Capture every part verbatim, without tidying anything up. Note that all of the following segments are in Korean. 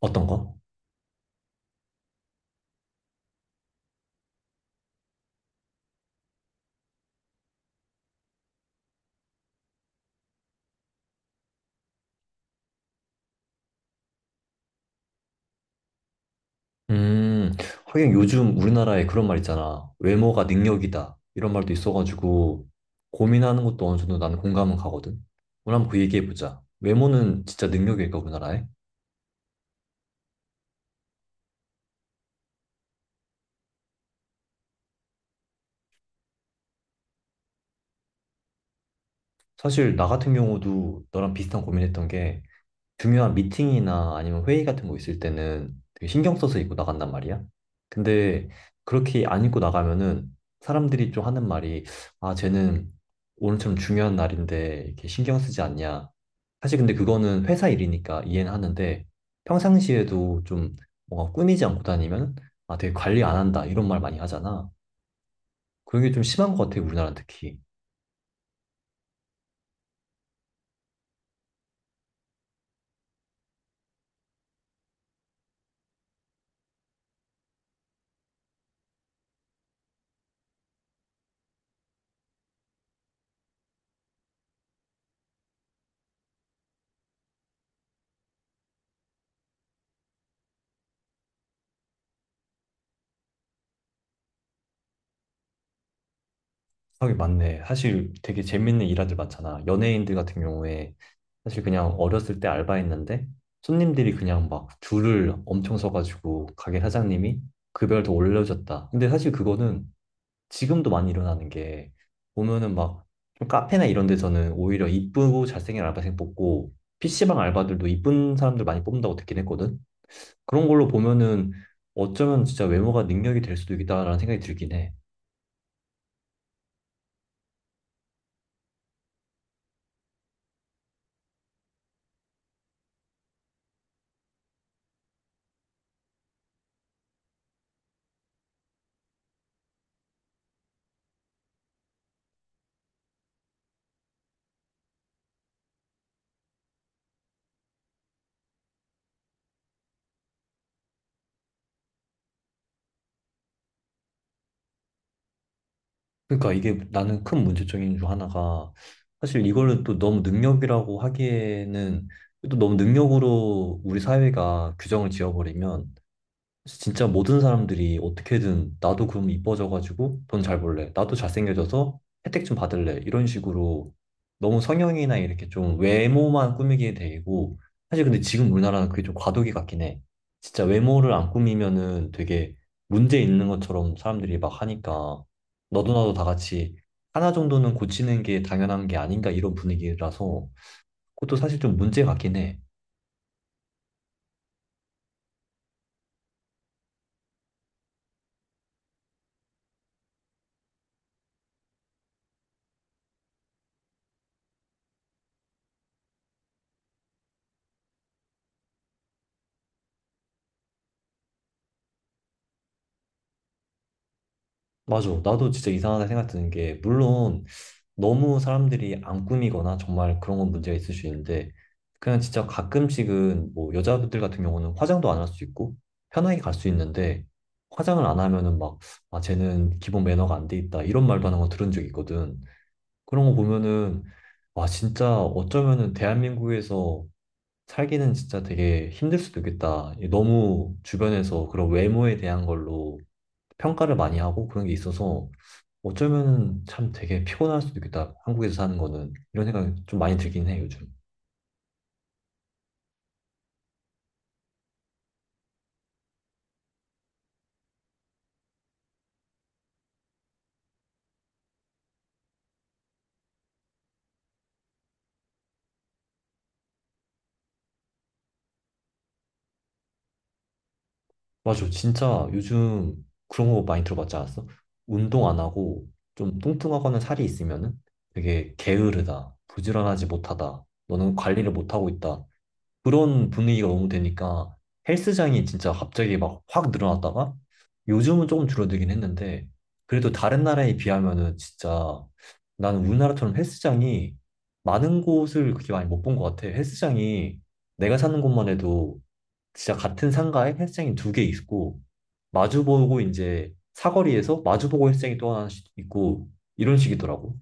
어떤 거? 음, 하긴 요즘 우리나라에 그런 말 있잖아. 외모가 능력이다. 이런 말도 있어가지고 고민하는 것도 어느 정도 나는 공감은 가거든. 오늘 한번 그 얘기해보자. 외모는 진짜 능력일까, 우리나라에? 사실 나 같은 경우도 너랑 비슷한 고민했던 게 중요한 미팅이나 아니면 회의 같은 거 있을 때는 되게 신경 써서 입고 나간단 말이야. 근데 그렇게 안 입고 나가면은 사람들이 좀 하는 말이, 아, 쟤는 오늘처럼 중요한 날인데 이렇게 신경 쓰지 않냐. 사실 근데 그거는 회사 일이니까 이해는 하는데, 평상시에도 좀 뭔가 꾸미지 않고 다니면 아, 되게 관리 안 한다, 이런 말 많이 하잖아. 그런 게 좀 심한 것 같아, 우리나라 특히. 하긴 맞네. 사실 되게 재밌는 일화들 많잖아. 연예인들 같은 경우에 사실 그냥 어렸을 때 알바했는데 손님들이 그냥 막 줄을 엄청 서가지고 가게 사장님이 급여를 더 올려줬다. 근데 사실 그거는 지금도 많이 일어나는 게, 보면은 막좀 카페나 이런 데서는 오히려 이쁘고 잘생긴 알바생 뽑고, 피시방 알바들도 이쁜 사람들 많이 뽑는다고 듣긴 했거든. 그런 걸로 보면은 어쩌면 진짜 외모가 능력이 될 수도 있겠다라는 생각이 들긴 해. 그러니까 이게, 나는 큰 문제점인 중 하나가, 사실 이거를 또 너무 능력이라고 하기에는, 또 너무 능력으로 우리 사회가 규정을 지어버리면, 그래서 진짜 모든 사람들이 어떻게든, 나도 그럼 이뻐져가지고 돈 잘 벌래, 나도 잘생겨져서 혜택 좀 받을래, 이런 식으로 너무 성형이나 이렇게 좀 외모만 꾸미게 되고. 사실 근데 지금 우리나라는 그게 좀 과도기 같긴 해. 진짜 외모를 안 꾸미면은 되게 문제 있는 것처럼 사람들이 막 하니까, 너도 나도 다 같이 하나 정도는 고치는 게 당연한 게 아닌가, 이런 분위기라서 그것도 사실 좀 문제 같긴 해. 맞아. 나도 진짜 이상하다 생각 드는 게, 물론 너무 사람들이 안 꾸미거나 정말 그런 건 문제가 있을 수 있는데, 그냥 진짜 가끔씩은 뭐 여자분들 같은 경우는 화장도 안 할 수 있고 편하게 갈 수 있는데, 화장을 안 하면은 막 아, 쟤는 기본 매너가 안 돼 있다 이런 말도 하는 거 들은 적 있거든. 그런 거 보면은 와 진짜, 어쩌면은 대한민국에서 살기는 진짜 되게 힘들 수도 있겠다. 너무 주변에서 그런 외모에 대한 걸로 평가를 많이 하고 그런 게 있어서 어쩌면 참 되게 피곤할 수도 있겠다. 한국에서 사는 거는. 이런 생각이 좀 많이 들긴 해, 요즘. 맞아. 진짜 요즘 그런 거 많이 들어봤지 않았어? 운동 안 하고 좀 뚱뚱하거나 살이 있으면은 되게 게으르다, 부지런하지 못하다, 너는 관리를 못하고 있다. 그런 분위기가 너무 되니까 헬스장이 진짜 갑자기 막 확 늘어났다가 요즘은 조금 줄어들긴 했는데, 그래도 다른 나라에 비하면은 진짜 나는 우리나라처럼 헬스장이 많은 곳을 그렇게 많이 못 본 것 같아. 헬스장이 내가 사는 곳만 해도 진짜 같은 상가에 헬스장이 두 개 있고, 마주보고 이제 사거리에서 마주보고 헬스장이 또 하나 있고 이런 식이더라고.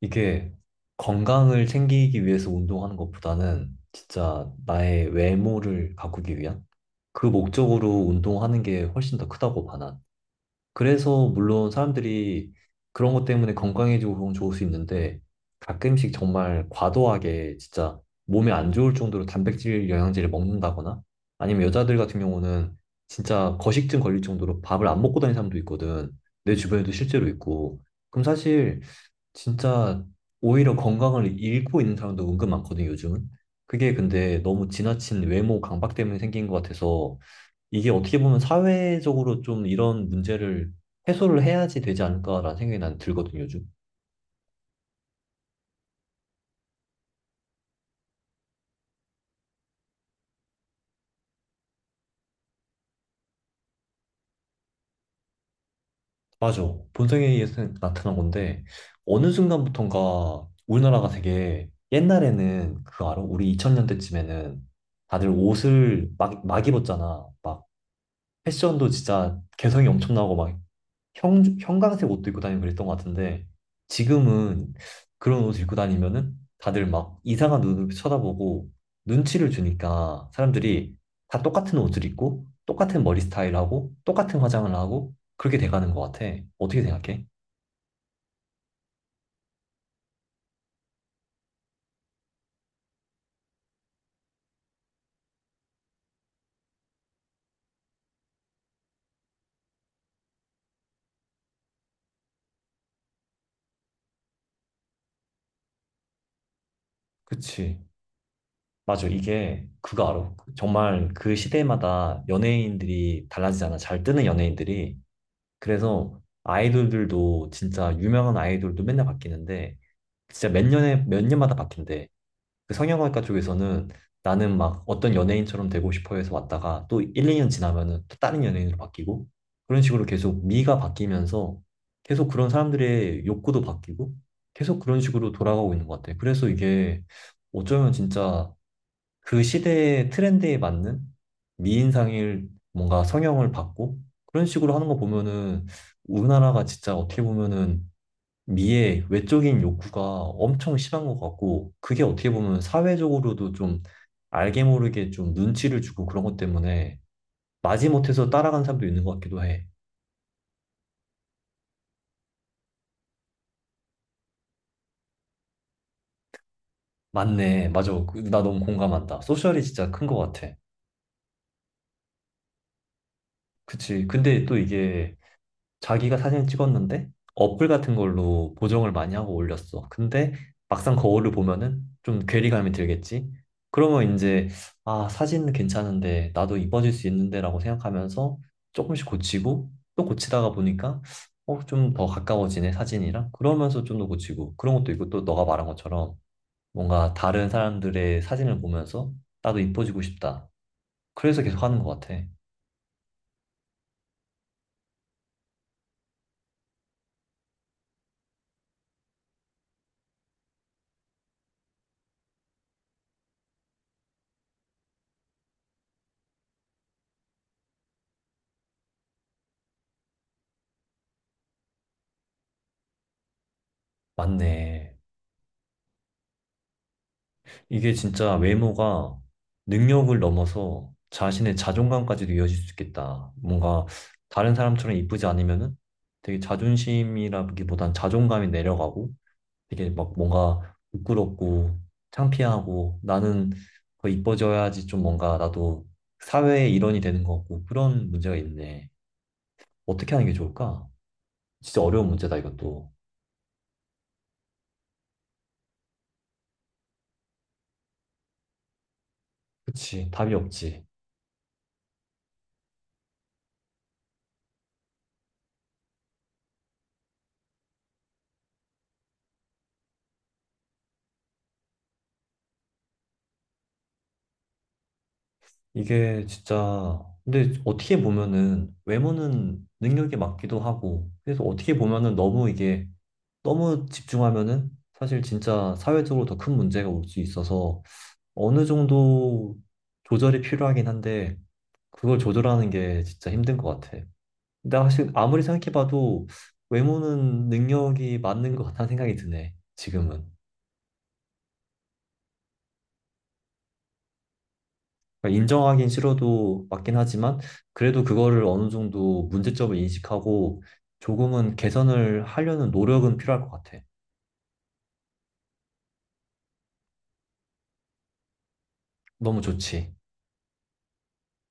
이게 건강을 챙기기 위해서 운동하는 것보다는 진짜 나의 외모를 가꾸기 위한 그 목적으로 운동하는 게 훨씬 더 크다고 봐. 그래서 물론 사람들이 그런 것 때문에 건강해지고 그건 좋을 수 있는데, 가끔씩 정말 과도하게 진짜 몸에 안 좋을 정도로 단백질 영양제를 먹는다거나, 아니면 여자들 같은 경우는 진짜 거식증 걸릴 정도로 밥을 안 먹고 다니는 사람도 있거든. 내 주변에도 실제로 있고. 그럼 사실 진짜 오히려 건강을 잃고 있는 사람도 은근 많거든, 요즘은. 그게 근데 너무 지나친 외모 강박 때문에 생긴 것 같아서, 이게 어떻게 보면 사회적으로 좀 이런 문제를 해소를 해야지 되지 않을까라는 생각이 난 들거든요, 요즘. 맞아. 본성에 의해서 나타난 건데, 어느 순간부턴가 우리나라가 되게, 옛날에는 그거 알아? 우리 이천 년대쯤에는 다들 옷을 막, 막 입었잖아. 막 패션도 진짜 개성이 엄청나고, 막 형, 형광색 옷도 입고 다니고 그랬던 것 같은데, 지금은 그런 옷을 입고 다니면은 다들 막 이상한 눈으로 쳐다보고 눈치를 주니까, 사람들이 다 똑같은 옷을 입고 똑같은 머리 스타일하고 똑같은 화장을 하고 그렇게 돼가는 것 같아. 어떻게 생각해? 그치. 맞아. 이게 그거 알아? 정말 그 시대마다 연예인들이 달라지잖아. 잘 뜨는 연예인들이. 그래서 아이돌들도 진짜 유명한 아이돌도 맨날 바뀌는데, 진짜 몇 년에 몇 년마다 바뀐대. 그 성형외과 쪽에서는, 나는 막 어떤 연예인처럼 되고 싶어 해서 왔다가 또 일, 이 년 지나면은 또 다른 연예인으로 바뀌고 그런 식으로 계속 미가 바뀌면서 계속 그런 사람들의 욕구도 바뀌고 계속 그런 식으로 돌아가고 있는 것 같아. 그래서 이게, 어쩌면 진짜 그 시대의 트렌드에 맞는 미인상일, 뭔가 성형을 받고 그런 식으로 하는 거 보면은 우리나라가 진짜 어떻게 보면은 미의 외적인 욕구가 엄청 심한 것 같고, 그게 어떻게 보면 사회적으로도 좀 알게 모르게 좀 눈치를 주고 그런 것 때문에 마지못해서 따라간 사람도 있는 것 같기도 해. 맞네. 맞아. 그- 나 너무 공감한다. 소셜이 진짜 큰 것 같아. 그치. 근데 또 이게, 자기가 사진을 찍었는데 어플 같은 걸로 보정을 많이 하고 올렸어. 근데 막상 거울을 보면은 좀 괴리감이 들겠지. 그러면 이제 아, 사진은 괜찮은데 나도 이뻐질 수 있는데라고 생각하면서 조금씩 고치고 또 고치다가 보니까 어, 좀 더 가까워지네 사진이랑, 그러면서 좀 더 고치고 그런 것도 있고, 또 너가 말한 것처럼 뭔가 다른 사람들의 사진을 보면서 나도 이뻐지고 싶다. 그래서 계속 하는 것 같아. 맞네. 이게 진짜 외모가 능력을 넘어서 자신의 자존감까지도 이어질 수 있겠다. 뭔가 다른 사람처럼 이쁘지 않으면은 되게 자존심이라기보단 자존감이 내려가고 되게 막 뭔가 부끄럽고 창피하고, 나는 더 이뻐져야지 좀 뭔가 나도 사회의 일원이 되는 것 같고, 그런 문제가 있네. 어떻게 하는 게 좋을까? 진짜 어려운 문제다, 이것도. 그치, 답이 없지. 이게 진짜 근데 어떻게 보면은 외모는 능력에 맞기도 하고, 그래서 어떻게 보면은 너무 이게 너무 집중하면은 사실 진짜 사회적으로 더 큰 문제가 올 수 있어서 어느 정도 조절이 필요하긴 한데, 그걸 조절하는 게 진짜 힘든 것 같아. 근데 사실 아무리 생각해봐도 외모는 능력이 맞는 것 같다는 생각이 드네, 지금은. 그러니까 인정하긴 싫어도 맞긴 하지만, 그래도 그거를 어느 정도 문제점을 인식하고 조금은 개선을 하려는 노력은 필요할 것 같아. 너무 좋지.